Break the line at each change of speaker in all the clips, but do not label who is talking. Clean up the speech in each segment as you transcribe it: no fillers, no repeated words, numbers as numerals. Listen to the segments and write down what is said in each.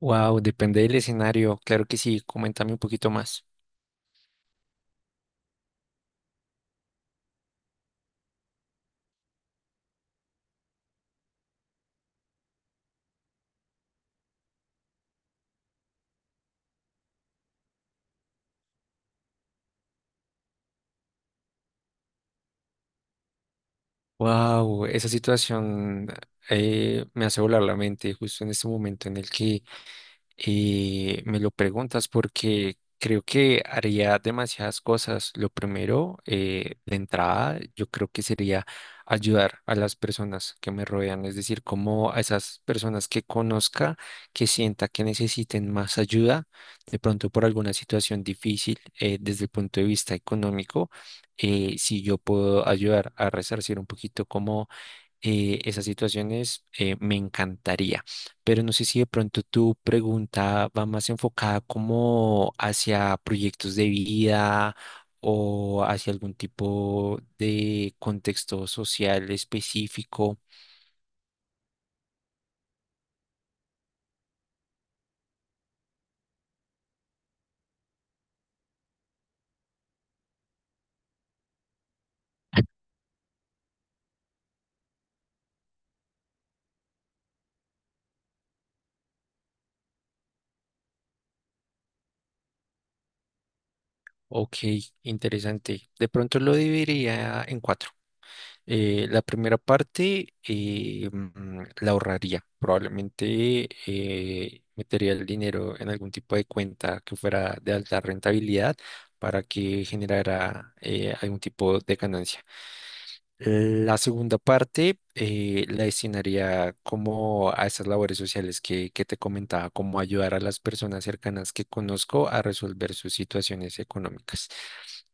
Wow, depende del escenario. Claro que sí, coméntame un poquito más. Wow, esa situación me hace volar la mente justo en este momento en el que me lo preguntas porque creo que haría demasiadas cosas. Lo primero, de entrada, yo creo que sería ayudar a las personas que me rodean, es decir, como a esas personas que conozca, que sienta que necesiten más ayuda, de pronto por alguna situación difícil, desde el punto de vista económico, si yo puedo ayudar a resarcir un poquito, como esas situaciones, me encantaría, pero no sé si de pronto tu pregunta va más enfocada como hacia proyectos de vida o hacia algún tipo de contexto social específico. Ok, interesante. De pronto lo dividiría en cuatro. La primera parte, la ahorraría. Probablemente metería el dinero en algún tipo de cuenta que fuera de alta rentabilidad para que generara algún tipo de ganancia. La segunda parte, la destinaría como a esas labores sociales que te comentaba, como ayudar a las personas cercanas que conozco a resolver sus situaciones económicas.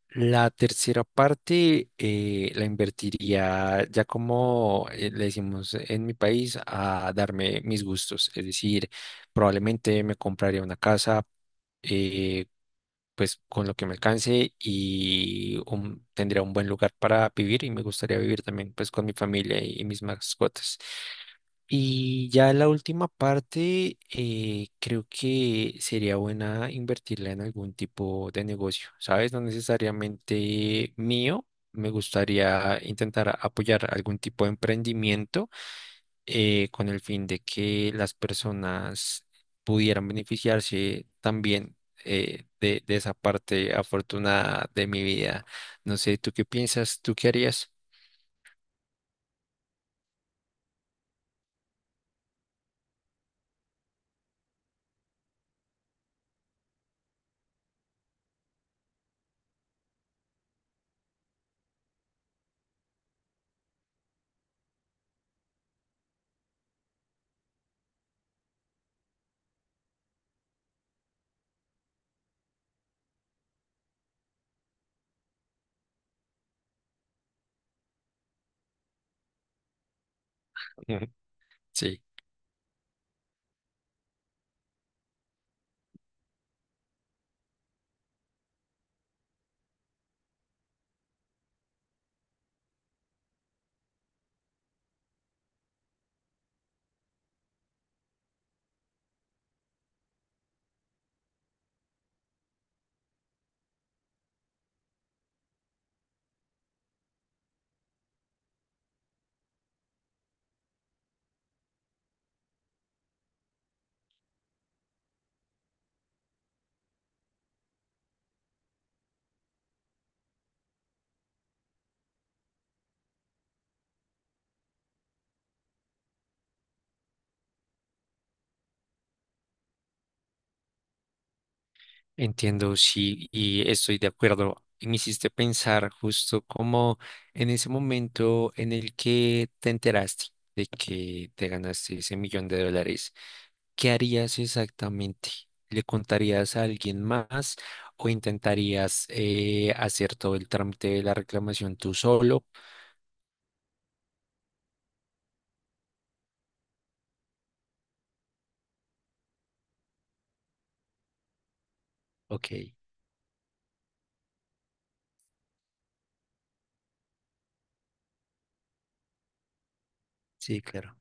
La tercera parte, la invertiría ya como le decimos en mi país, a darme mis gustos, es decir, probablemente me compraría una casa eh, pues con lo que me alcance, y tendría un buen lugar para vivir y me gustaría vivir también pues con mi familia y mis mascotas. Y ya la última parte, creo que sería buena invertirla en algún tipo de negocio, ¿sabes? No necesariamente mío. Me gustaría intentar apoyar algún tipo de emprendimiento con el fin de que las personas pudieran beneficiarse también, de esa parte afortunada de mi vida. No sé, ¿tú qué piensas? ¿Tú qué harías? Sí. Entiendo, sí, y estoy de acuerdo. Y me hiciste pensar justo como en ese momento en el que te enteraste de que te ganaste ese millón de dólares. ¿Qué harías exactamente? ¿Le contarías a alguien más o intentarías hacer todo el trámite de la reclamación tú solo? Ok, sí, claro.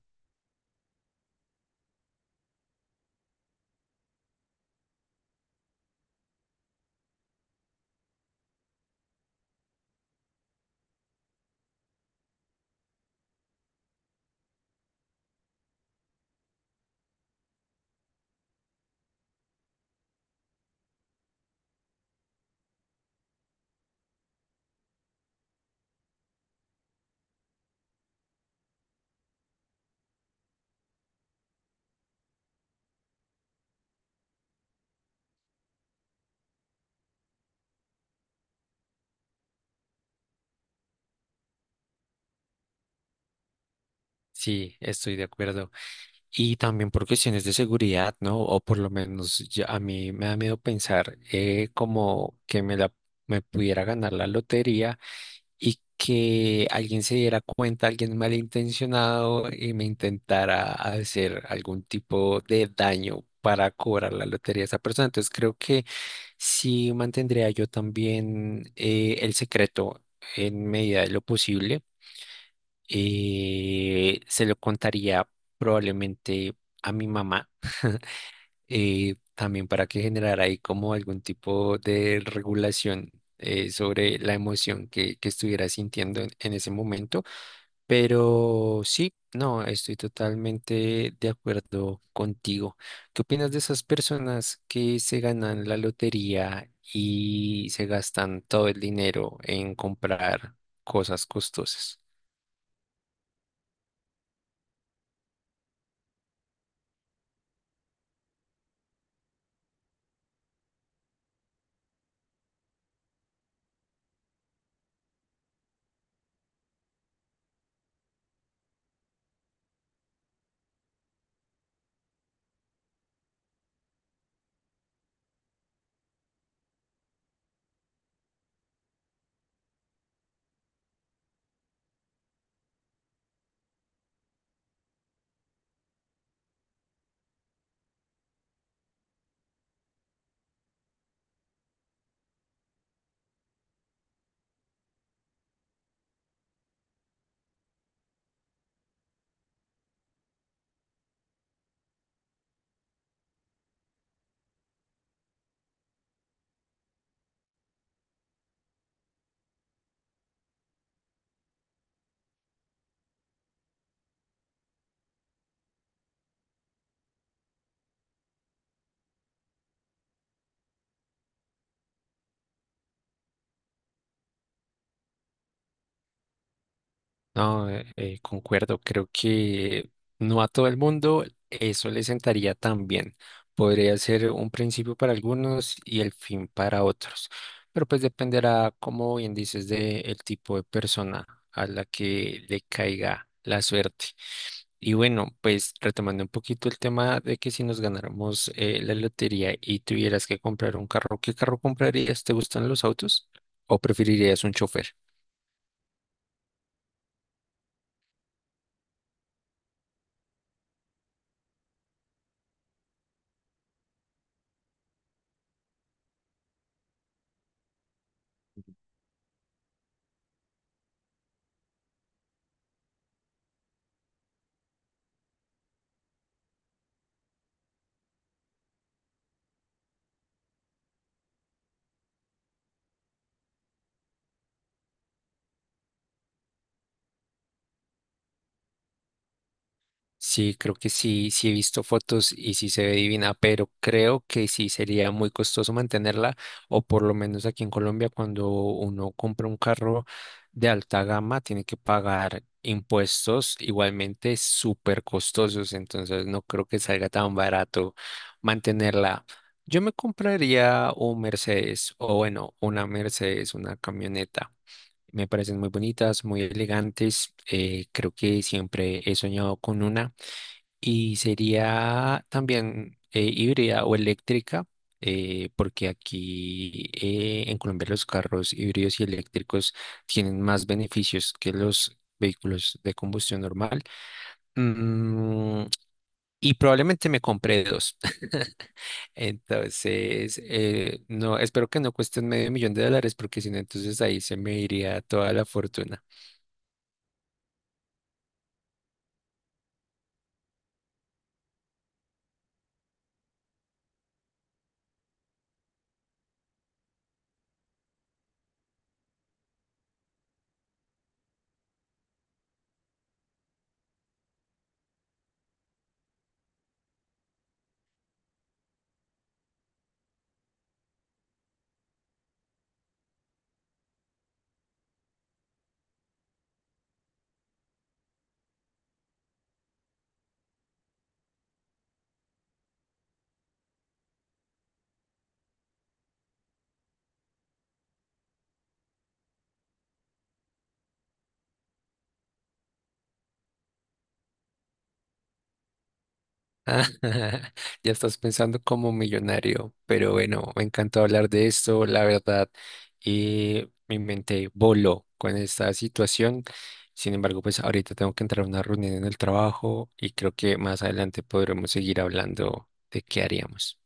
Sí, estoy de acuerdo. Y también por cuestiones de seguridad, ¿no? O por lo menos ya a mí me da miedo pensar, como que me pudiera ganar la lotería y que alguien se diera cuenta, alguien malintencionado, y me intentara hacer algún tipo de daño para cobrar la lotería a esa persona. Entonces creo que sí mantendría yo también, el secreto en medida de lo posible. Eh, se lo contaría probablemente a mi mamá, también para que generara ahí como algún tipo de regulación sobre la emoción que estuviera sintiendo en ese momento. Pero sí, no, estoy totalmente de acuerdo contigo. ¿Qué opinas de esas personas que se ganan la lotería y se gastan todo el dinero en comprar cosas costosas? No, concuerdo, creo que no a todo el mundo eso le sentaría tan bien. Podría ser un principio para algunos y el fin para otros, pero pues dependerá, como bien dices, del tipo de persona a la que le caiga la suerte. Y bueno, pues retomando un poquito el tema de que si nos ganáramos la lotería y tuvieras que comprar un carro, ¿qué carro comprarías? ¿Te gustan los autos o preferirías un chofer? Sí, creo que sí, sí he visto fotos y sí se ve divina, pero creo que sí sería muy costoso mantenerla, o por lo menos aquí en Colombia, cuando uno compra un carro de alta gama, tiene que pagar impuestos igualmente súper costosos, entonces no creo que salga tan barato mantenerla. Yo me compraría un Mercedes, o bueno, una Mercedes, una camioneta. Me parecen muy bonitas, muy elegantes. Creo que siempre he soñado con una. Y sería también híbrida o eléctrica, porque aquí, en Colombia, los carros híbridos y eléctricos tienen más beneficios que los vehículos de combustión normal. Mm, y probablemente me compré dos. Entonces, no, espero que no cuesten medio millón de dólares, porque si no, entonces ahí se me iría toda la fortuna. Ah, ya estás pensando como millonario, pero bueno, me encantó hablar de esto, la verdad, y mi mente voló con esta situación. Sin embargo, pues ahorita tengo que entrar a una reunión en el trabajo y creo que más adelante podremos seguir hablando de qué haríamos.